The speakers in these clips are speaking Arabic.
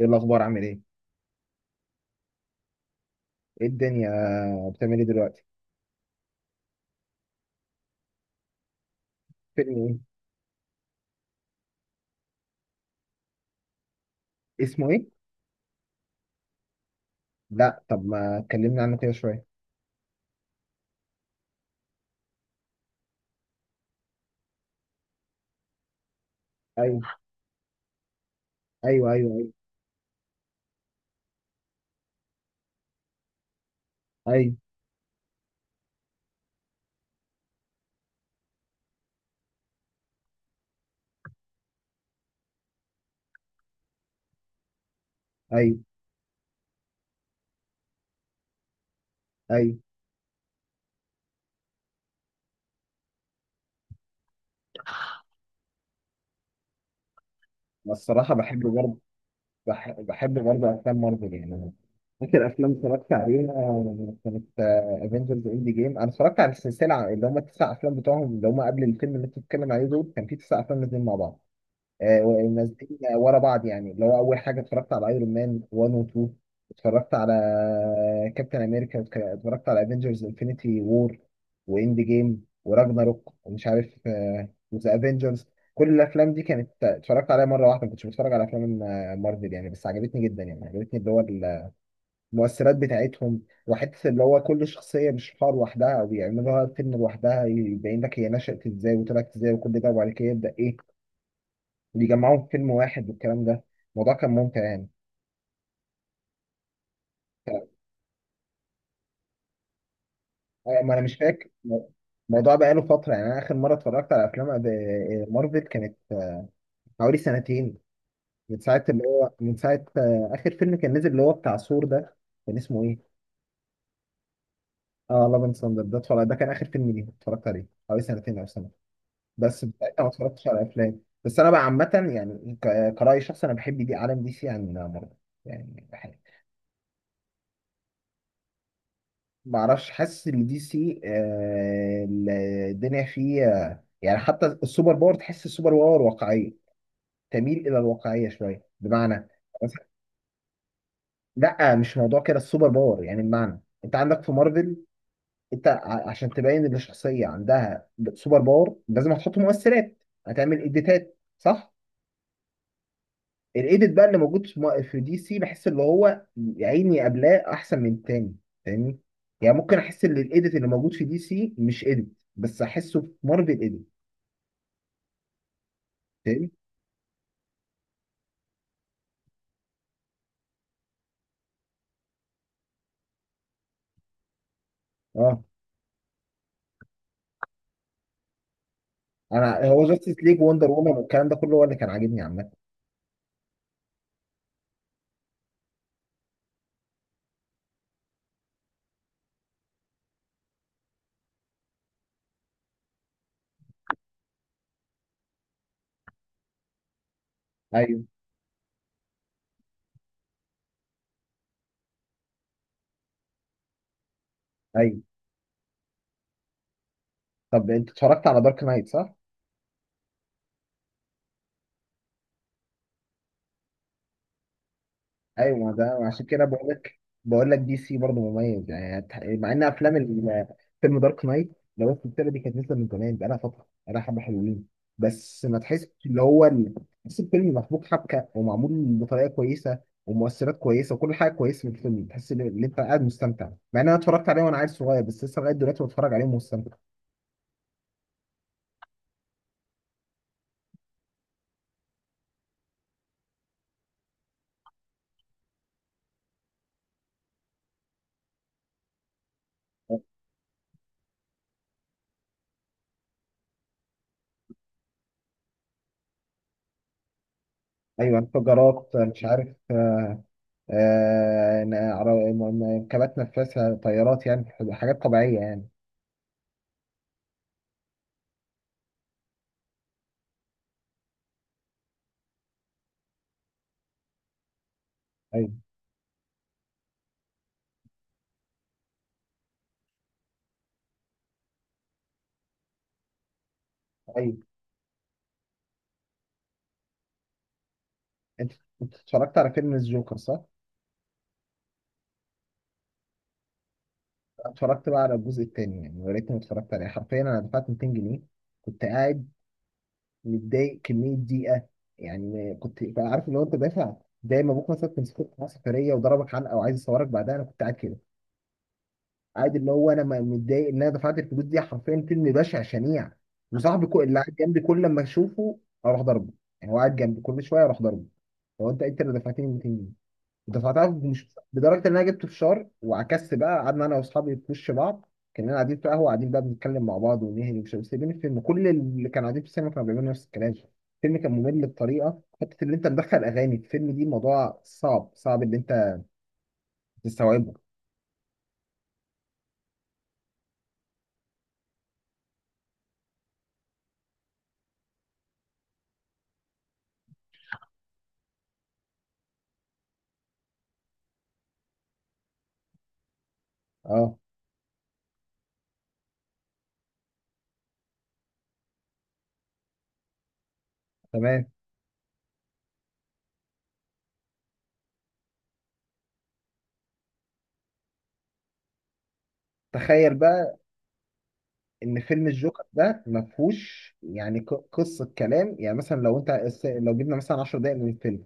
ايه الاخبار، عامل ايه؟ ايه الدنيا؟ بتعمل ايه دلوقتي؟ فيلم ايه؟ اسمه ايه؟ لا، طب ما اتكلمنا عنه كده شويه. ايوه، ايوه، ايوه، ايوه، ايوه، ايوه، ايوه. أنا الصراحه بحب برضه. بحب برضه افلام مارفل يعني. فاكر افلام اتفرجت عليها، كانت افنجرز اند جيم. انا اتفرجت على السلسله اللي هم التسع افلام بتوعهم اللي هم قبل الفيلم اللي انت بتتكلم عليه، دول كان في تسع افلام نازلين مع بعض. ونازلين ورا بعض، يعني اللي هو اول حاجه اتفرجت على ايرون مان 1 و 2. اتفرجت على كابتن امريكا، اتفرجت على افنجرز انفينيتي وور واند جيم وراجناروك ومش عارف، وذا افنجرز. كل الافلام دي كانت اتفرجت عليها مره واحده، ما كنتش بتفرج على افلام مارفل يعني، بس عجبتني جدا. يعني عجبتني اللي هو المؤثرات بتاعتهم، وحته اللي هو كل شخصيه مش حوار لوحدها، او بيعملوها فيلم لوحدها يبين لك هي نشأت ازاي وطلعت ازاي وكل ده، وبعد كده يبدأ ايه بيجمعوهم في فيلم واحد والكلام ده. الموضوع كان ممتع يعني. ما انا مش فاكر. الموضوع بقاله فتره، يعني انا اخر مره اتفرجت على افلام مارفل كانت حوالي سنتين، من ساعه اخر فيلم كان نزل اللي هو بتاع ثور ده. كان اسمه ايه؟ اه، لاف اند ثاندر. ده ده كان اخر فيلم ليه اتفرجت عليه، حوالي سنتين او سنه بس. بتاعتها ما اتفرجتش على افلام، بس انا بقى عامه يعني، كرأي شخص انا بحب دي، عالم دي سي عن مارفل يعني. معرفش، حاسس ان دي سي الدنيا فيه يعني حتى السوبر باور، تحس السوبر باور واقعيه، تميل الى الواقعيه شويه. بمعنى مثلا، لا مش موضوع كده، السوبر باور يعني بمعنى انت عندك في مارفل، انت عشان تبين ان الشخصيه عندها سوبر باور، لازم هتحط مؤثرات، هتعمل اديتات، صح؟ الايديت بقى اللي موجود في دي سي، بحس اللي هو يا عيني، قبلاه احسن من التاني، فاهمني؟ يعني ممكن احس ان الايديت اللي موجود في دي سي مش ايديت، بس احسه في مارفل ايديت. فاهمني؟ اه، انا هو جاستس ليج، وندر وومن والكلام ده كله هو اللي كان عاجبني عامه. ايوه، ايوه. طب انت اتفرجت على دارك نايت، صح؟ ايوه، ما ده عشان كده بقول لك، بقول لك دي سي برضه مميز يعني. مع ان افلام فيلم دارك نايت، لو السلسله دي كانت نازله من زمان بقالها فتره، بقالها حبه حلوين. بس ما تحسش اللي هو تحس الفيلم محبوك حبكه، ومعمول بطريقه كويسه، ومؤثرات كويسه، وكل حاجه كويسه في الفيلم، تحس إن انت قاعد مستمتع. مع ان انا اتفرجت عليه وانا عيل صغير، بس لسه لغايه دلوقتي بتفرج عليه ومستمتع. ايوه، انفجارات مش عارف كبات نفاثه، طيارات يعني، حاجات طبيعيه يعني. ايوه. انت انت اتفرجت على فيلم الجوكر، صح؟ أنا اتفرجت بقى على الجزء التاني، يعني يا ريتني ما اتفرجت عليه. حرفيا انا دفعت 200 جنيه. كنت قاعد متضايق كميه ضيقه، يعني كنت بقى عارف اللي هو انت دافع، زي ما ابوك مثلا كان مسكوك في سفريه وضربك حلقه وعايز يصورك بعدها. انا كنت قاعد كده، قاعد اللي هو انا متضايق ان انا دفعت الفلوس دي. حرفيا فيلم بشع شنيع. وصاحبي اللي قاعد جنبي، كل لما اشوفه اروح ضربه، يعني هو قاعد جنبي كل شويه اروح ضربه. هو انت اللي دفعتني 200 جنيه دفعتها. مش لدرجه ان انا جبت فشار، وعكست بقى قعدنا انا واصحابي في وش بعض. كنا قاعدين في قهوه، قاعدين بقى بنتكلم مع بعض ونهري ومش عارف، إيه، سايبين الفيلم. كل اللي كانوا قاعدين في السينما كانوا بيعملوا نفس الكلام. الفيلم كان ممل بطريقه، حته اللي انت مدخل اغاني في الفيلم دي، موضوع صعب، صعب اللي انت تستوعبه. اه، تمام. تخيل بقى ان فيلم الجوكر ده ما فيهوش يعني قصه كلام. يعني مثلا لو انت لو جبنا مثلا 10 دقائق من الفيلم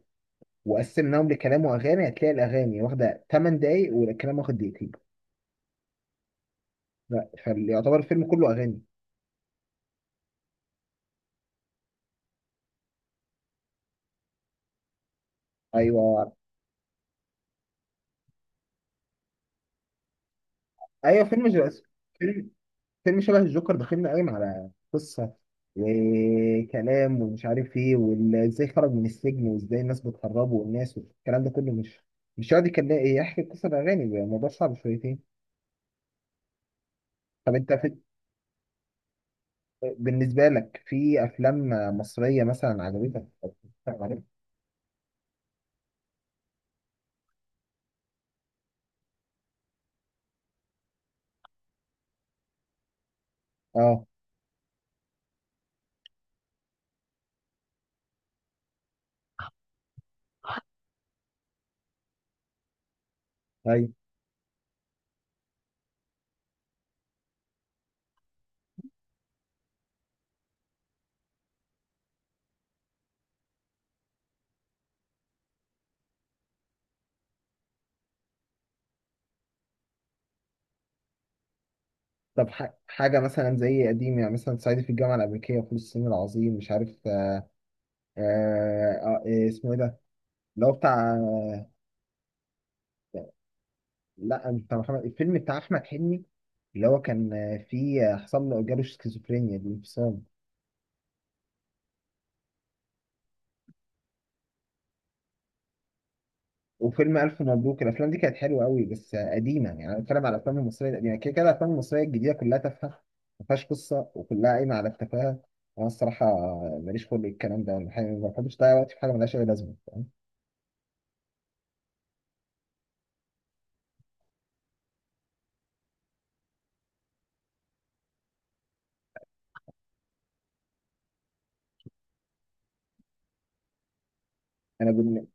وقسمناهم لكلام واغاني، هتلاقي الاغاني واخده 8 دقائق والكلام واخد دقيقتين. لا، فيعتبر الفيلم كله اغاني. ايوه، ايوه. فيلم جو... فيلم فيلم شبه الجوكر بخيلنا قايم على قصه، وكلام ومش عارف ايه، وازاي خرج من السجن، وازاي الناس بتهربه، والناس والكلام ده كله، مش مش هيقعد يكلم، يحكي قصه الاغاني؟ الموضوع صعب شويتين. طب انت في... بالنسبه لك في افلام مصريه مثلا عجبتك أو بتتفرج عليها؟ اه، ايوه. طب ح... حاجه مثلا زي قديم، يعني مثلا صعيدي في الجامعه الامريكيه، وفول الصين العظيم، مش عارف إيه اسمه، ايه ده اللي هو بتاع؟ لا مش بتاع محمد، الفيلم بتاع احمد حلمي، اللي هو كان فيه آه، حصل له جاله شيزوفرينيا، الانفصام. وفيلم الف مبروك. الافلام دي كانت حلوه قوي، بس قديمه يعني، انا بتكلم على الافلام المصريه القديمه، كده كده الافلام المصريه الجديده كلها تافهه، ما فيهاش قصه وكلها قايمه على التفاهه. انا الصراحه ماليش خلق الكلام ده. أنا ما بحبش اضيع وقتي في حاجه ملهاش اي لازمه، فاهم؟ انا بالن-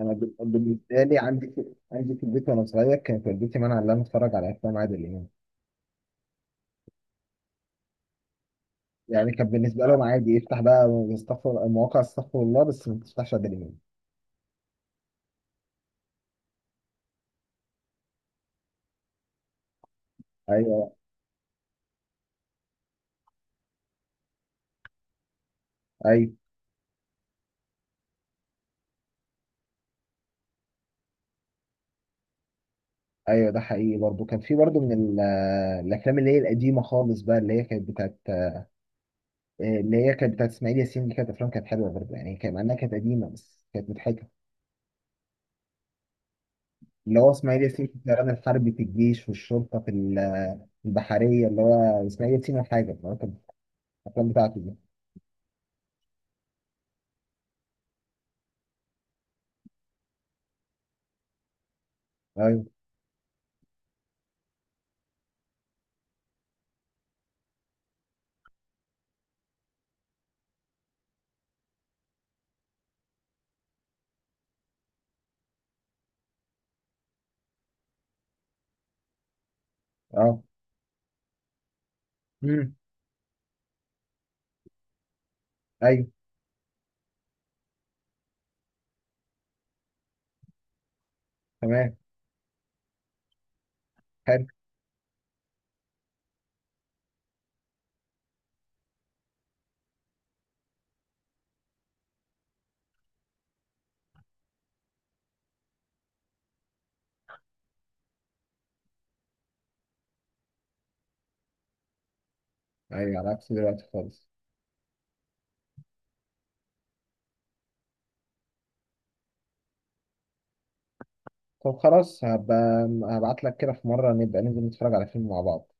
انا بال- بالنسبه لي، عندي في، عندي في البيت وانا صغير كانت والدتي مانعه ان انا اتفرج على افلام عادل امام. يعني كان بالنسبة لهم عادي افتح بقى استغفر مواقع، استغفر الله، بس ما تفتحش ادري مين. ايوه، ايوه، ايوه. ده حقيقي برضو، كان في برضو من الافلام اللي هي القديمه خالص بقى، اللي هي كانت بتاعت اسماعيل ياسين. دي كانت افلام كانت حلوه برضو، يعني كان مع انها كانت قديمه بس كانت مضحكه. اللي هو اسماعيل ياسين في الطيران الحربي، في الجيش والشرطه، في البحريه، اللي هو اسماعيل ياسين. الحاجه اللي هو كانت الافلام بتاعته دي. ايوه، اه. امم. ايوه، تمام، حلو. ايوه، على عكس دلوقتي خالص. طب خلاص، هبقى هبعت لك كده في مرة نبقى ننزل نتفرج على فيلم مع بعض.